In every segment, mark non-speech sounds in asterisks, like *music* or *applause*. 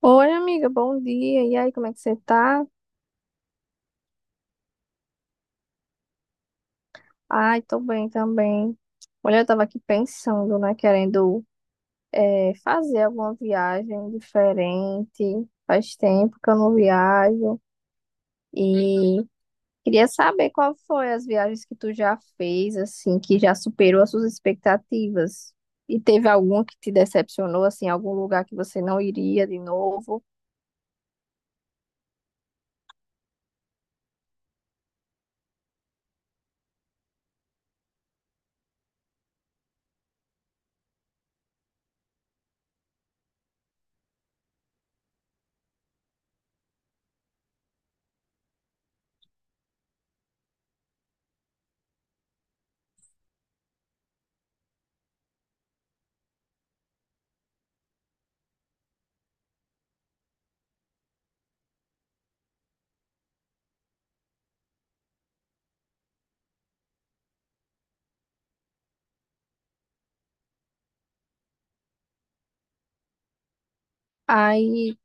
Oi, amiga, bom dia. E aí, como é que você tá? Ai, tô bem também. Olha, eu tava aqui pensando, né, querendo fazer alguma viagem diferente. Faz tempo que eu não viajo e queria saber qual foi as viagens que tu já fez, assim, que já superou as suas expectativas. E teve alguma que te decepcionou, assim, algum lugar que você não iria de novo? Aí,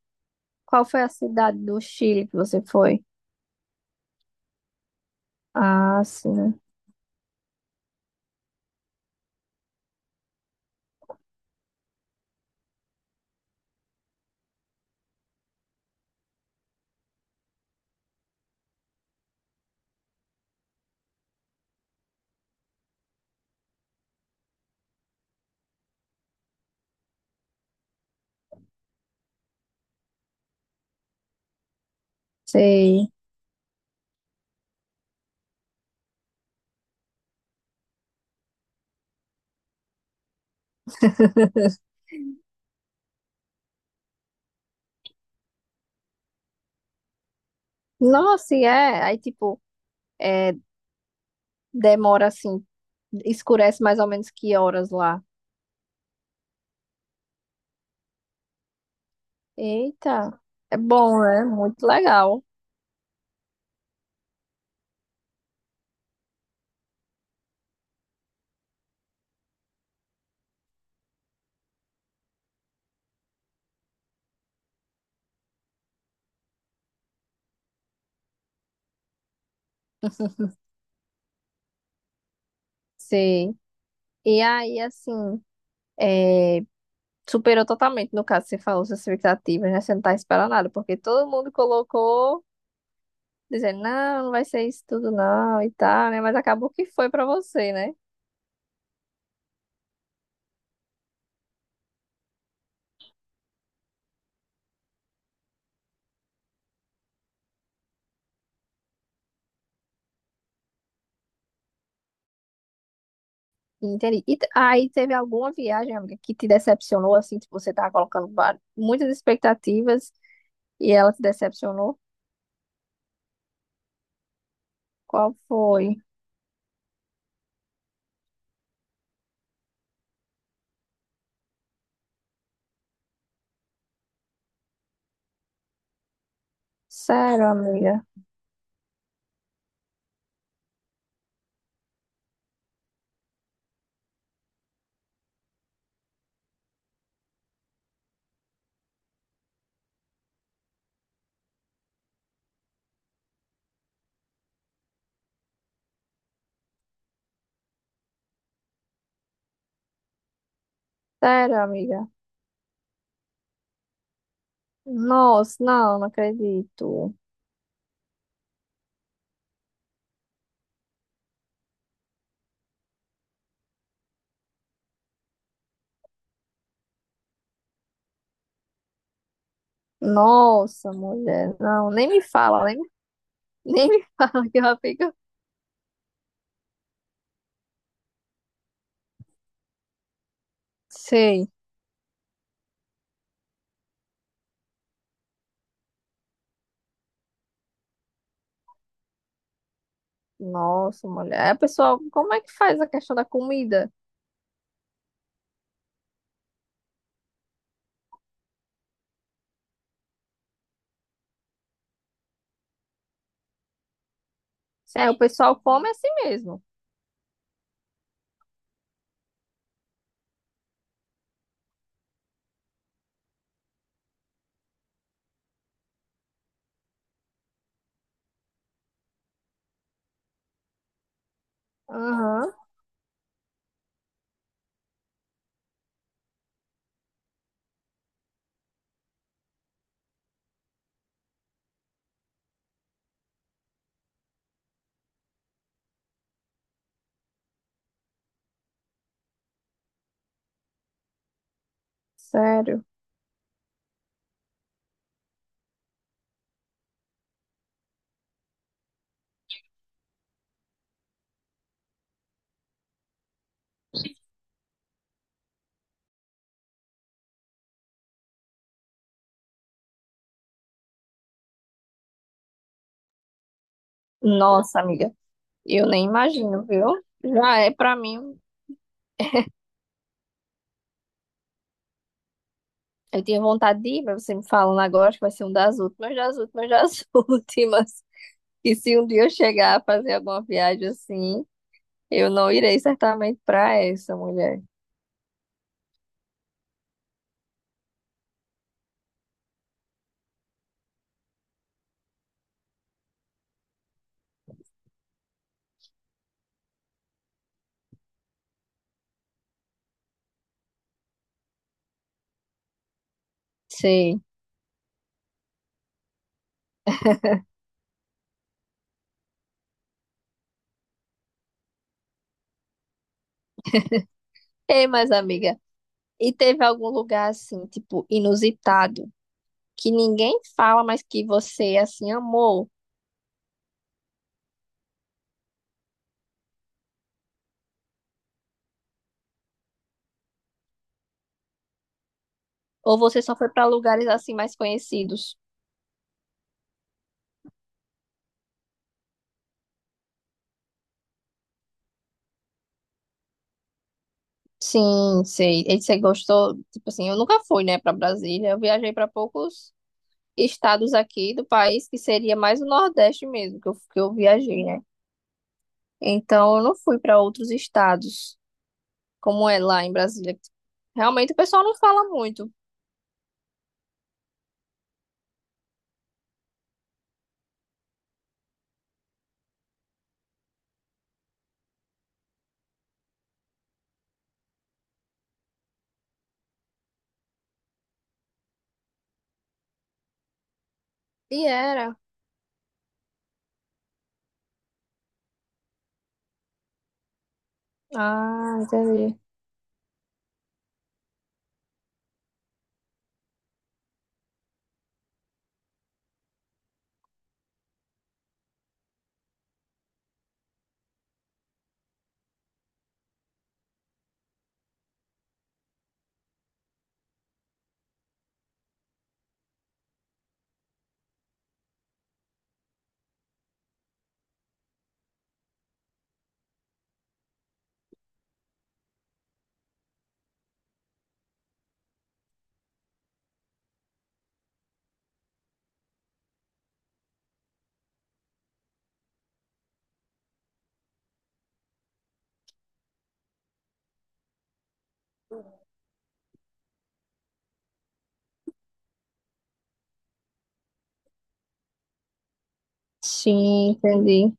qual foi a cidade do Chile que você foi? Ah, sim, né? Sei. Nossa, e é. Aí, tipo, é, demora assim, escurece mais ou menos que horas lá? Eita, é bom, né? Muito legal. Sim. E aí, assim, é, superou totalmente, no caso, você falou, suas expectativas, né? Você não tá esperando nada, porque todo mundo colocou, dizendo, não, não vai ser isso tudo, não, e tal, né? Mas acabou que foi pra você, né? Entendi. Aí teve alguma viagem, amiga, que te decepcionou, assim, tipo, você tava colocando muitas expectativas? E ela te decepcionou? Qual foi? Sério, amiga? Sério, amiga? Nossa, não, não acredito. Nossa, mulher, não, nem me fala, nem, nem me *laughs* fala que ela fica. Sei. Nossa, mulher. É, pessoal, como é que faz a questão da comida? É, o pessoal come assim mesmo. Aham, sério. Nossa, amiga, eu nem imagino, viu? Já é pra mim. Eu tinha vontade de ir, mas você me falando agora, acho que vai ser um das últimas, das últimas, das *laughs* últimas. E se um dia eu chegar a fazer alguma viagem assim, eu não irei certamente para essa mulher. Sim. Ei, mas amiga, e teve algum lugar assim, tipo, inusitado, que ninguém fala, mas que você assim amou? Ou você só foi para lugares assim mais conhecidos? Sim, sei. E você gostou? Tipo assim, eu nunca fui, né, para Brasília. Eu viajei para poucos estados aqui do país, que seria mais o Nordeste mesmo, que eu viajei, né? Então, eu não fui para outros estados. Como é lá em Brasília? Realmente o pessoal não fala muito. E era. Ah, entendi. Sim, entendi.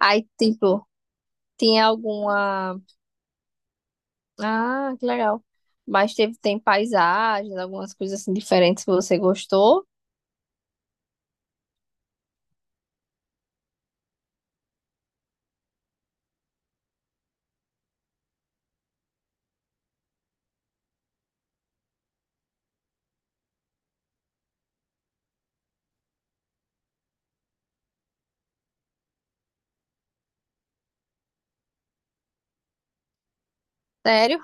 Aí, tipo, tinha alguma. Ah, que legal. Mas teve, tem paisagens, algumas coisas assim diferentes que você gostou. Sério?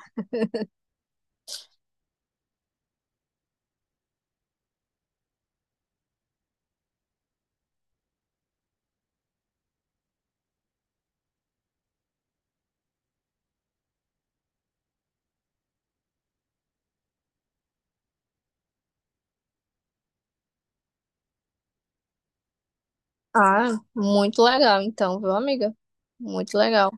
Ah, muito legal, então, viu, amiga? Muito legal.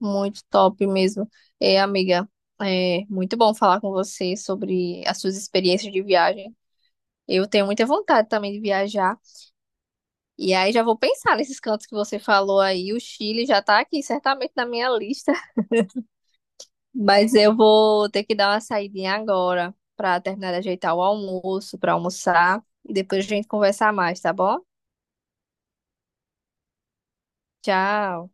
Muito top mesmo. É, amiga, é muito bom falar com você sobre as suas experiências de viagem. Eu tenho muita vontade também de viajar. E aí já vou pensar nesses cantos que você falou aí. O Chile já tá aqui certamente na minha lista, *laughs* mas eu vou ter que dar uma saidinha agora pra terminar de ajeitar o almoço, pra almoçar e depois a gente conversar mais, tá bom? Tchau.